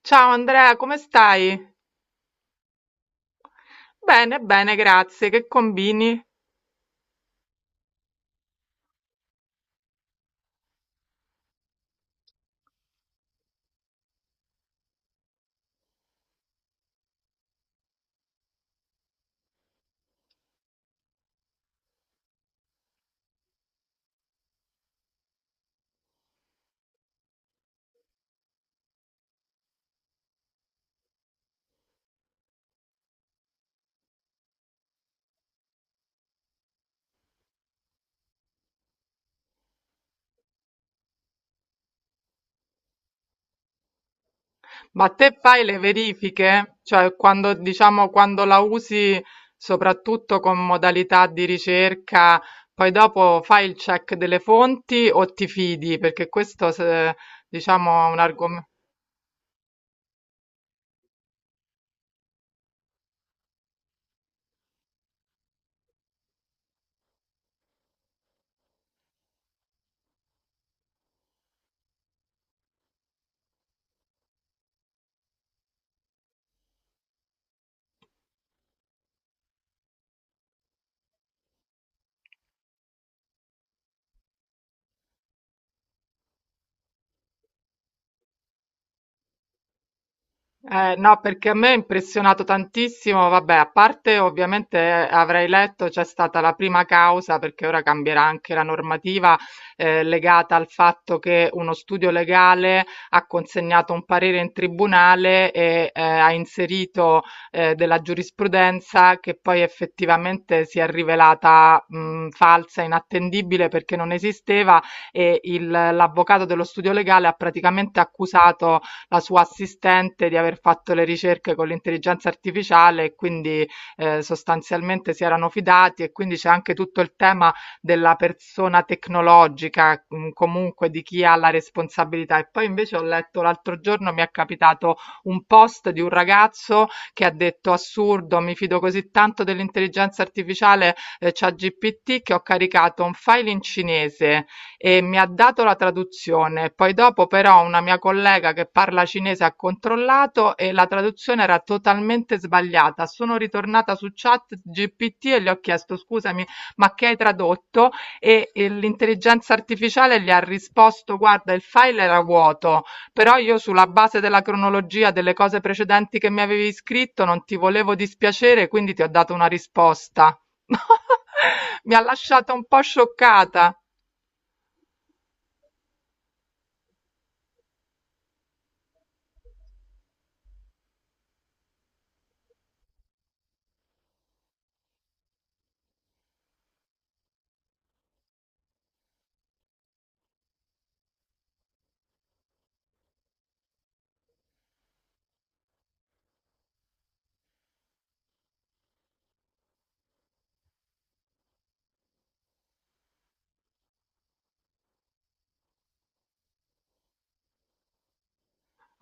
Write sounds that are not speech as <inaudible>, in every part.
Ciao Andrea, come stai? Bene, bene, grazie. Che combini? Ma te fai le verifiche? Cioè, quando, diciamo, quando la usi soprattutto con modalità di ricerca, poi dopo fai il check delle fonti o ti fidi? Perché questo, diciamo, è un argomento. No, perché a me ha impressionato tantissimo, vabbè, a parte ovviamente avrei letto c'è stata la prima causa, perché ora cambierà anche la normativa legata al fatto che uno studio legale ha consegnato un parere in tribunale e ha inserito della giurisprudenza che poi effettivamente si è rivelata falsa, inattendibile perché non esisteva e l'avvocato dello studio legale ha praticamente accusato la sua assistente di aver fatto le ricerche con l'intelligenza artificiale e quindi sostanzialmente si erano fidati e quindi c'è anche tutto il tema della persona tecnologica, comunque di chi ha la responsabilità. E poi invece ho letto l'altro giorno, mi è capitato un post di un ragazzo che ha detto assurdo, mi fido così tanto dell'intelligenza artificiale, ChatGPT, che ho caricato un file in cinese e mi ha dato la traduzione, poi dopo però una mia collega che parla cinese ha controllato e la traduzione era totalmente sbagliata. Sono ritornata su chat GPT e gli ho chiesto scusami, ma che hai tradotto? E l'intelligenza artificiale gli ha risposto guarda, il file era vuoto, però io sulla base della cronologia delle cose precedenti che mi avevi scritto non ti volevo dispiacere, quindi ti ho dato una risposta. <laughs> Mi ha lasciata un po' scioccata.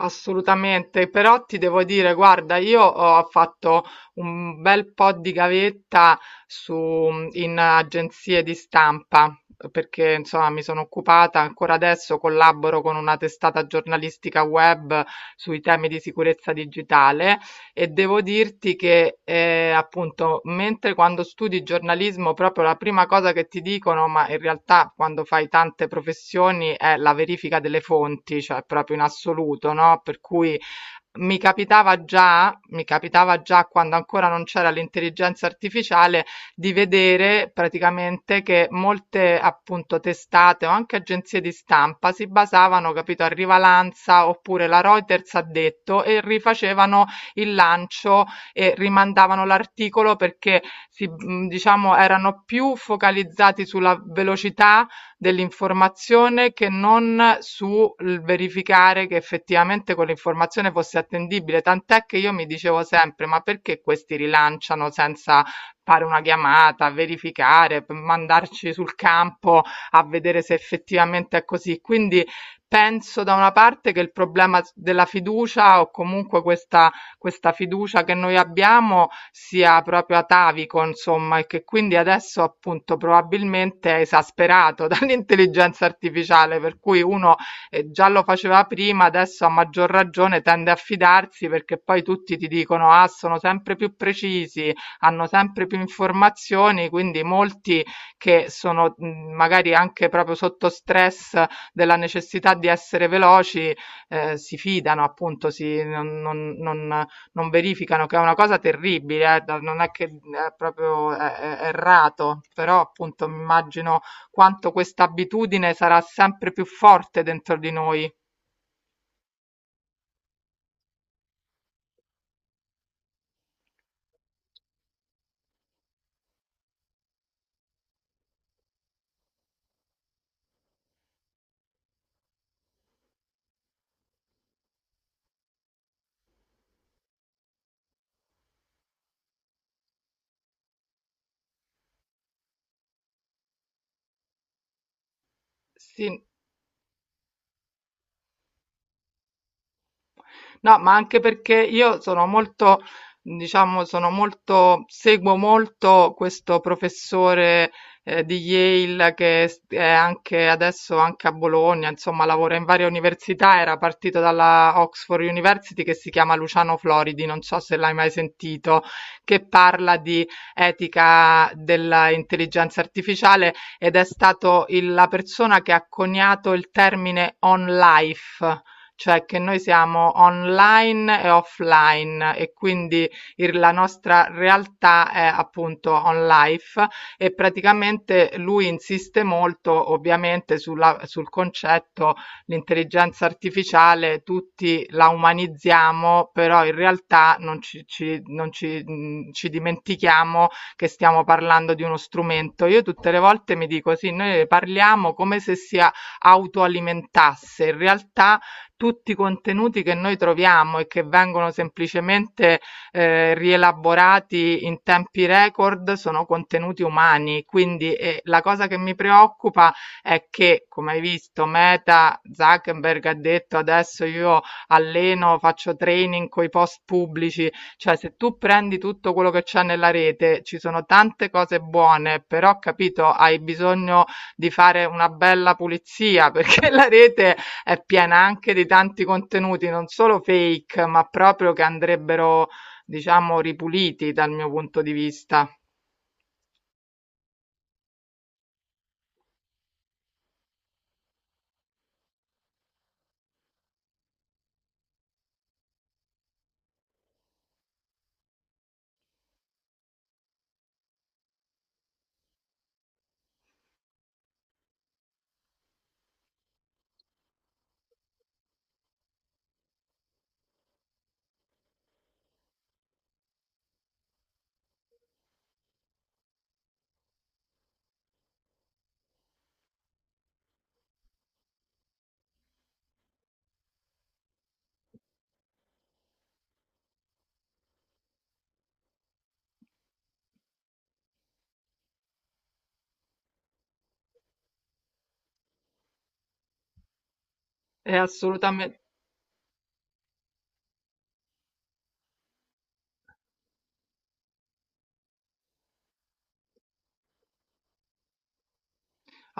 Assolutamente, però ti devo dire, guarda, io ho fatto un bel po' di gavetta su, in agenzie di stampa, perché insomma mi sono occupata, ancora adesso collaboro con una testata giornalistica web sui temi di sicurezza digitale e devo dirti che, appunto, mentre quando studi giornalismo proprio la prima cosa che ti dicono, ma in realtà quando fai tante professioni, è la verifica delle fonti, cioè proprio in assoluto, no, per cui mi capitava già quando ancora non c'era l'intelligenza artificiale di vedere praticamente che molte appunto testate o anche agenzie di stampa si basavano, capito, a Rivalanza oppure la Reuters ha detto e rifacevano il lancio e rimandavano l'articolo perché si, diciamo, erano più focalizzati sulla velocità dell'informazione che non sul verificare che effettivamente quell'informazione fosse attendibile. Tant'è che io mi dicevo sempre: ma perché questi rilanciano senza fare una chiamata, verificare, mandarci sul campo a vedere se effettivamente è così. Quindi penso da una parte che il problema della fiducia o comunque questa fiducia che noi abbiamo sia proprio atavico, insomma, e che quindi adesso appunto probabilmente è esasperato <laughs> dall'intelligenza artificiale, per cui uno già lo faceva prima, adesso a maggior ragione tende a fidarsi perché poi tutti ti dicono ah, sono sempre più precisi, hanno sempre più informazioni, quindi molti che sono magari anche proprio sotto stress della necessità di essere veloci, si fidano, appunto, si, non verificano, che è una cosa terribile, non è che è proprio è errato, però appunto mi immagino quanto questa abitudine sarà sempre più forte dentro di noi. Sì. No, ma anche perché io sono molto, diciamo, sono molto, seguo molto questo professore di Yale che è anche adesso anche a Bologna, insomma, lavora in varie università, era partito dalla Oxford University, che si chiama Luciano Floridi, non so se l'hai mai sentito, che parla di etica dell'intelligenza artificiale ed è stato la persona che ha coniato il termine on life, cioè che noi siamo online e offline e quindi la nostra realtà è appunto on life e praticamente lui insiste molto ovviamente sul concetto l'intelligenza artificiale, tutti la umanizziamo, però in realtà non ci, ci- non ci, ci dimentichiamo che stiamo parlando di uno strumento. Io tutte le volte mi dico sì, noi ne parliamo come se si autoalimentasse, in realtà tutti i contenuti che noi troviamo e che vengono semplicemente rielaborati in tempi record sono contenuti umani. Quindi la cosa che mi preoccupa è che, come hai visto, Meta Zuckerberg ha detto adesso io alleno, faccio training con i post pubblici, cioè se tu prendi tutto quello che c'è nella rete, ci sono tante cose buone, però capito, hai bisogno di fare una bella pulizia <laughs> perché la rete è piena anche di tanti contenuti non solo fake, ma proprio che andrebbero, diciamo, ripuliti dal mio punto di vista. È assolutame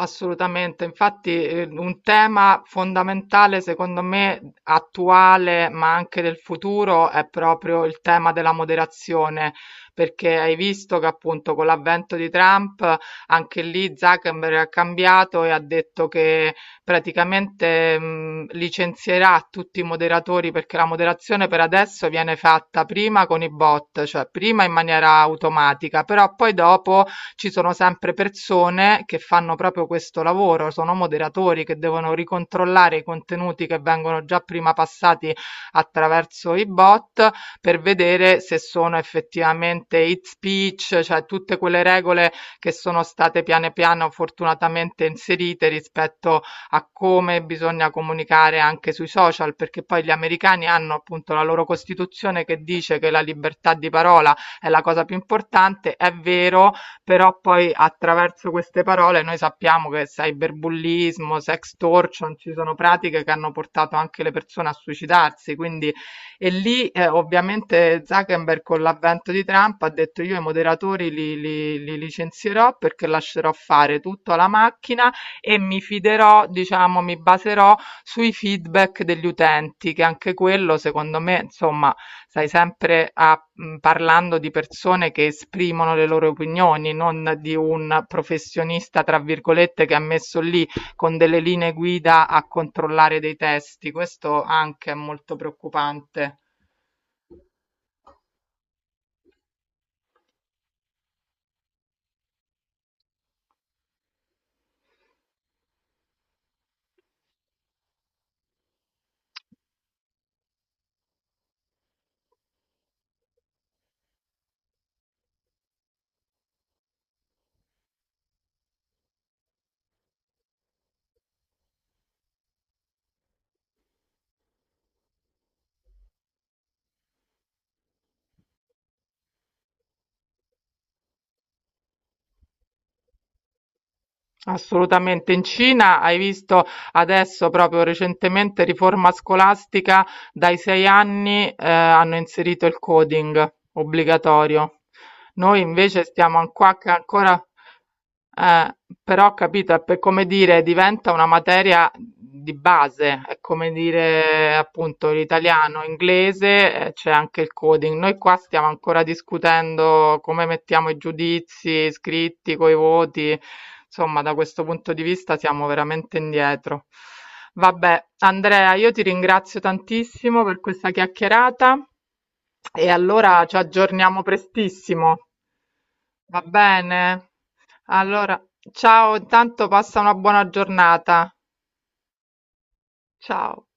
Assolutamente, infatti un tema fondamentale secondo me attuale ma anche del futuro è proprio il tema della moderazione, perché hai visto che appunto con l'avvento di Trump anche lì Zuckerberg ha cambiato e ha detto che praticamente, licenzierà tutti i moderatori perché la moderazione per adesso viene fatta prima con i bot, cioè prima in maniera automatica, però poi dopo ci sono sempre persone che fanno proprio questo lavoro, sono moderatori che devono ricontrollare i contenuti che vengono già prima passati attraverso i bot per vedere se sono effettivamente hate speech, cioè tutte quelle regole che sono state piano piano fortunatamente inserite rispetto a come bisogna comunicare anche sui social, perché poi gli americani hanno appunto la loro costituzione che dice che la libertà di parola è la cosa più importante, è vero, però poi attraverso queste parole noi sappiamo che cyberbullismo, sextortion, ci sono pratiche che hanno portato anche le persone a suicidarsi, quindi e lì ovviamente Zuckerberg con l'avvento di Trump ha detto io i moderatori li licenzierò perché lascerò fare tutto alla macchina e mi fiderò, diciamo, mi baserò sui feedback degli utenti, che anche quello secondo me, insomma, sai sempre a parlando di persone che esprimono le loro opinioni, non di un professionista, tra virgolette, che ha messo lì con delle linee guida a controllare dei testi. Questo anche è molto preoccupante. Assolutamente. In Cina hai visto adesso proprio recentemente riforma scolastica, dai 6 anni, hanno inserito il coding obbligatorio. Noi invece stiamo an- qua che ancora, eh, però ho capito, è per come dire, diventa una materia di base, è come dire appunto l'italiano, inglese, c'è anche il coding. Noi qua stiamo ancora discutendo come mettiamo i giudizi scritti coi voti, insomma, da questo punto di vista siamo veramente indietro. Vabbè, Andrea, io ti ringrazio tantissimo per questa chiacchierata e allora ci aggiorniamo prestissimo. Va bene? Allora, ciao, intanto passa una buona giornata. Ciao.